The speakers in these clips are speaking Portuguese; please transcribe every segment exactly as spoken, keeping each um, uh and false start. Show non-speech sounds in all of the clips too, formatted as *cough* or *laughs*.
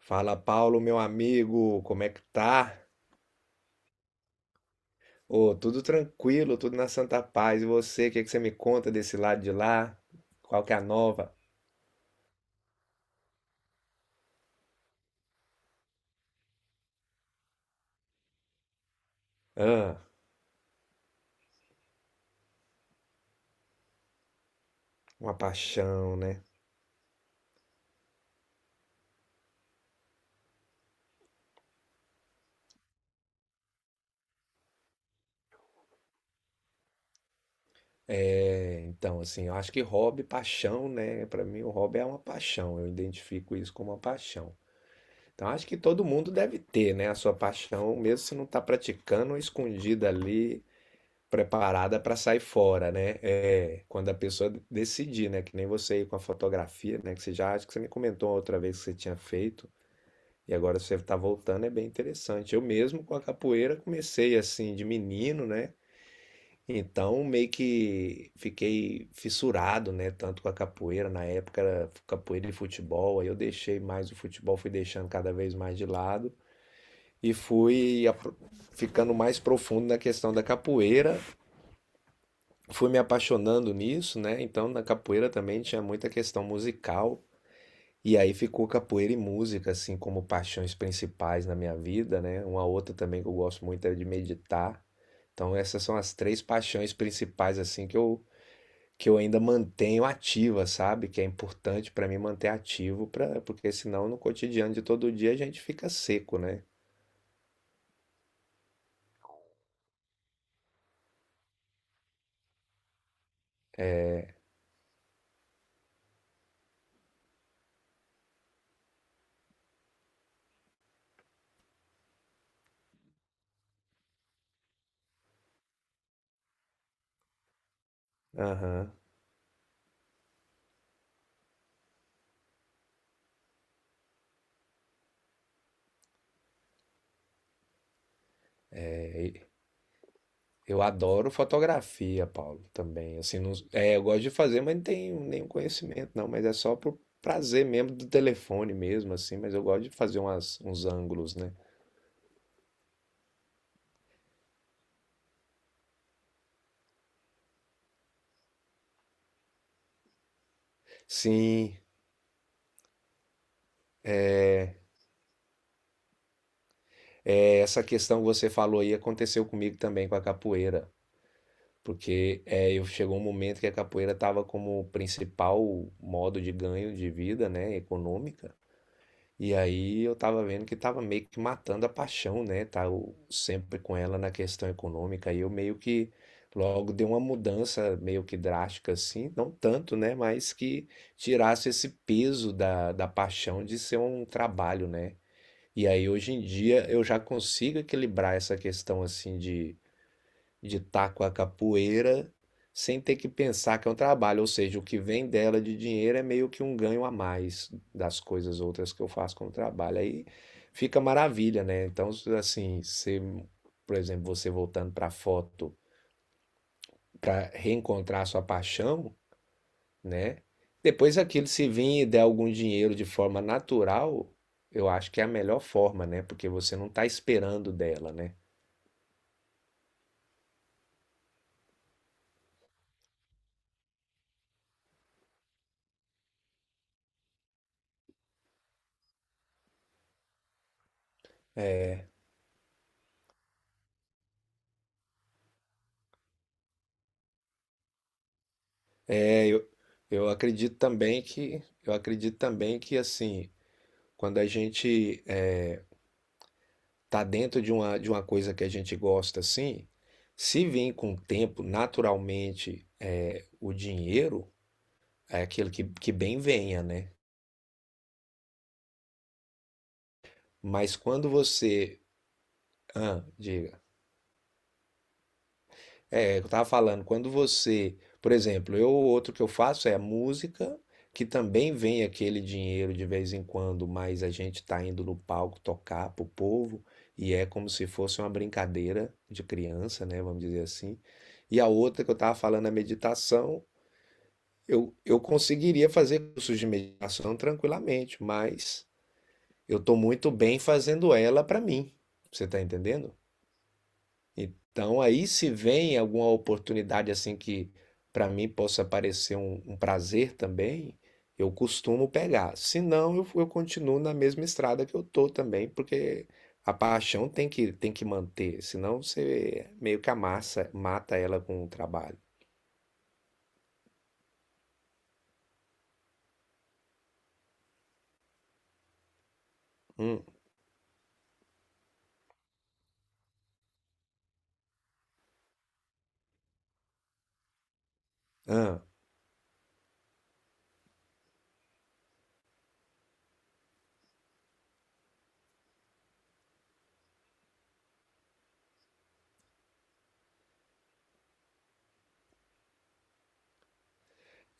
Fala, Paulo, meu amigo, como é que tá? Ô, tudo tranquilo, tudo na santa paz. E você, o que é que você me conta desse lado de lá? Qual que é a nova? Ah, uma paixão, né? É, então, assim, eu acho que hobby, paixão, né? Pra mim, o hobby é uma paixão. Eu identifico isso como uma paixão. Então, acho que todo mundo deve ter, né, a sua paixão, mesmo se não tá praticando, escondida ali, preparada para sair fora, né? É, quando a pessoa decidir, né? Que nem você aí com a fotografia, né? Que você já acho que você me comentou outra vez que você tinha feito e agora você está voltando, é bem interessante. Eu mesmo com a capoeira comecei assim de menino, né? Então meio que fiquei fissurado, né? Tanto com a capoeira na época era capoeira e futebol. Aí eu deixei mais o futebol, fui deixando cada vez mais de lado e fui apro- ficando mais profundo na questão da capoeira, fui me apaixonando nisso, né? Então na capoeira também tinha muita questão musical. E aí ficou capoeira e música, assim, como paixões principais na minha vida, né? Uma outra também que eu gosto muito é de meditar. Então essas são as três paixões principais, assim, que eu, que eu ainda mantenho ativa, sabe? Que é importante pra mim manter ativo, pra, porque senão no cotidiano de todo dia a gente fica seco, né? Aham. Eu adoro fotografia, Paulo, também. Assim, não, é, eu gosto de fazer, mas não tenho nenhum conhecimento, não. Mas é só por prazer mesmo do telefone mesmo, assim. Mas eu gosto de fazer umas, uns ângulos, né? Sim, é, essa questão que você falou aí aconteceu comigo também com a capoeira. Porque é, eu chegou um momento que a capoeira estava como principal modo de ganho de vida, né, econômica. E aí eu tava vendo que tava meio que matando a paixão, né? Tá o- sempre com ela na questão econômica. E eu meio que logo dei uma mudança meio que drástica assim, não tanto, né? Mas que tirasse esse peso da, da paixão de ser um trabalho, né? E aí hoje em dia eu já consigo equilibrar essa questão assim de de estar com a capoeira sem ter que pensar que é um trabalho, ou seja, o que vem dela de dinheiro é meio que um ganho a mais das coisas outras que eu faço como trabalho. Aí fica maravilha, né? Então, assim, se, por exemplo, você voltando para a foto para reencontrar a sua paixão, né? Depois aquilo se vir e der algum dinheiro de forma natural, eu acho que é a melhor forma, né? Porque você não está esperando dela, né? É, Eu, eu acredito também que eu acredito também que assim, quando a gente está dentro de uma, de uma coisa que a gente gosta assim, se vem com o tempo naturalmente é, o dinheiro, é aquilo que, que bem venha, né? Mas quando você, ah, diga. É, eu estava falando, quando você, por exemplo, eu outro que eu faço é a música, que também vem aquele dinheiro de vez em quando, mas a gente está indo no palco tocar pro povo e é como se fosse uma brincadeira de criança, né, vamos dizer assim. E a outra que eu estava falando, a meditação, eu, eu conseguiria fazer cursos de meditação tranquilamente, mas eu estou muito bem fazendo ela para mim. Você está entendendo? Então aí se vem alguma oportunidade assim que para mim possa parecer um, um prazer também, eu costumo pegar. Se não, eu, eu continuo na mesma estrada que eu tô também, porque a paixão tem que tem que manter, senão você meio que amassa, mata ela com o trabalho. Hum, ah.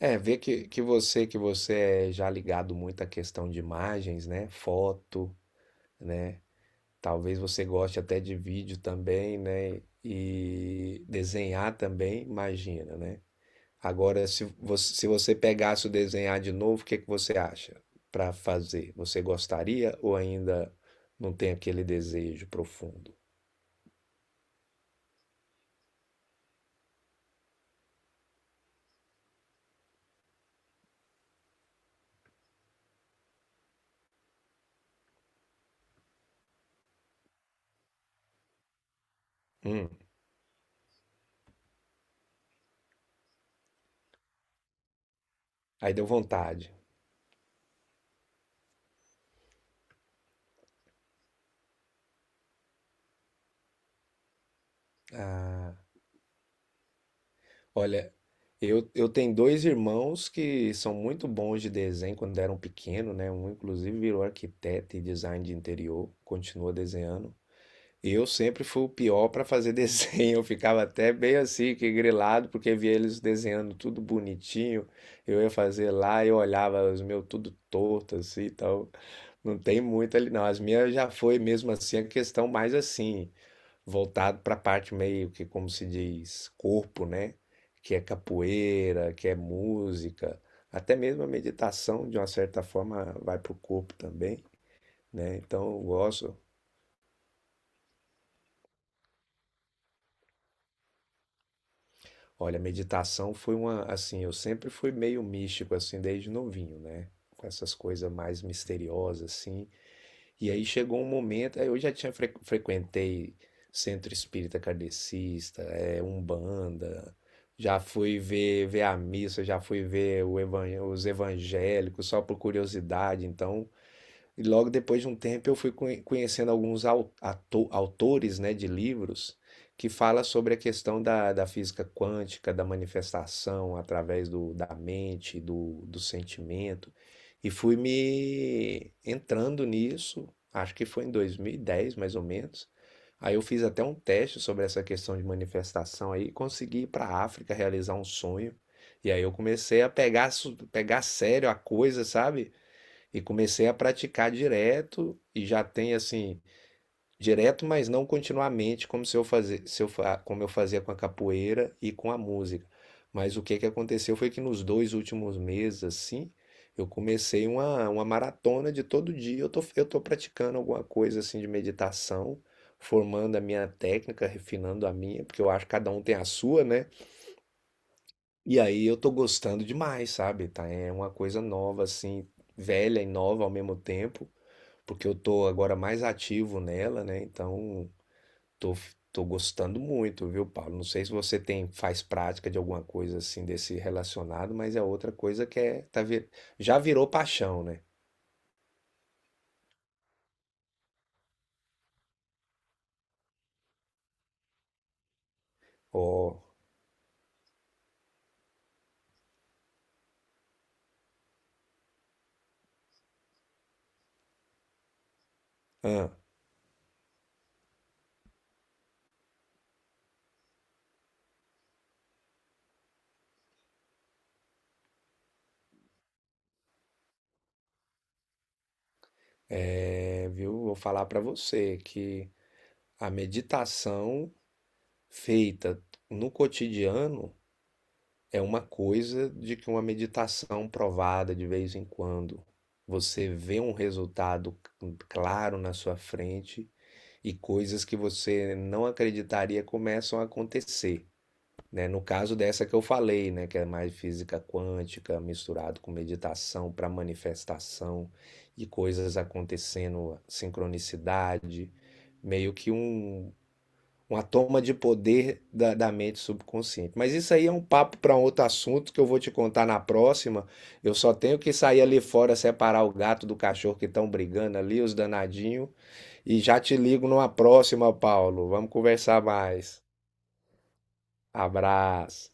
É, ver que, que você que você é já ligado muito à questão de imagens, né? Foto, né? Talvez você goste até de vídeo também, né? E desenhar também, imagina, né? Agora, se você, se você pegasse o desenhar de novo, o que que você acha para fazer? Você gostaria ou ainda não tem aquele desejo profundo? Hum, aí deu vontade. Ah, olha, eu, eu tenho dois irmãos que são muito bons de desenho quando eram pequenos, né? Um, inclusive, virou arquiteto e design de interior, continua desenhando. Eu sempre fui o pior para fazer *laughs* desenho. Eu ficava até bem assim, que grilado, porque via eles desenhando tudo bonitinho. Eu ia fazer lá, eu olhava os meus tudo torto assim, então não tem muito ali não. As minhas já foi mesmo assim a questão mais assim, voltado para a parte meio que como se diz, corpo, né? Que é capoeira, que é música, até mesmo a meditação de uma certa forma vai pro corpo também, né? Então eu gosto. Olha, meditação foi uma, assim, eu sempre fui meio místico, assim, desde novinho, né? Com essas coisas mais misteriosas, assim. E aí chegou um momento, aí eu já tinha fre- frequentei centro espírita kardecista, é, Umbanda, já fui ver, ver a missa, já fui ver o evan- os evangélicos só por curiosidade. Então, e logo depois de um tempo eu fui conhe- conhecendo alguns au- ato- autores, né, de livros que fala sobre a questão da, da física quântica, da manifestação através do, da mente, do, do sentimento. E fui me entrando nisso, acho que foi em dois mil e dez, mais ou menos. Aí eu fiz até um teste sobre essa questão de manifestação aí, consegui ir para a África realizar um sonho. E aí eu comecei a pegar, su- pegar sério a coisa, sabe? E comecei a praticar direto e já tem assim, direto, mas não continuamente, como se eu fazer, se eu, fa- como eu fazia com a capoeira e com a música. Mas o que que aconteceu foi que nos dois últimos meses, assim, eu comecei uma, uma maratona de todo dia. Eu tô, eu tô praticando alguma coisa assim de meditação, formando a minha técnica, refinando a minha, porque eu acho que cada um tem a sua, né? E aí eu tô gostando demais, sabe? Tá, é uma coisa nova, assim, velha e nova ao mesmo tempo, porque eu tô agora mais ativo nela, né? Então, tô, tô gostando muito, viu, Paulo? Não sei se você tem faz prática de alguma coisa assim desse relacionado, mas é outra coisa que é tá vi- já virou paixão, né? Ó, é, viu? Vou falar pra você que a meditação feita no cotidiano é uma coisa de que uma meditação provada de vez em quando, você vê um resultado claro na sua frente e coisas que você não acreditaria começam a acontecer, né? No caso dessa que eu falei, né, que é mais física quântica misturado com meditação para manifestação e coisas acontecendo, sincronicidade, meio que um uma toma de poder da, da mente subconsciente. Mas isso aí é um papo para um outro assunto que eu vou te contar na próxima. Eu só tenho que sair ali fora, separar o gato do cachorro que estão brigando ali, os danadinhos, e já te ligo numa próxima, Paulo. Vamos conversar mais. Abraço.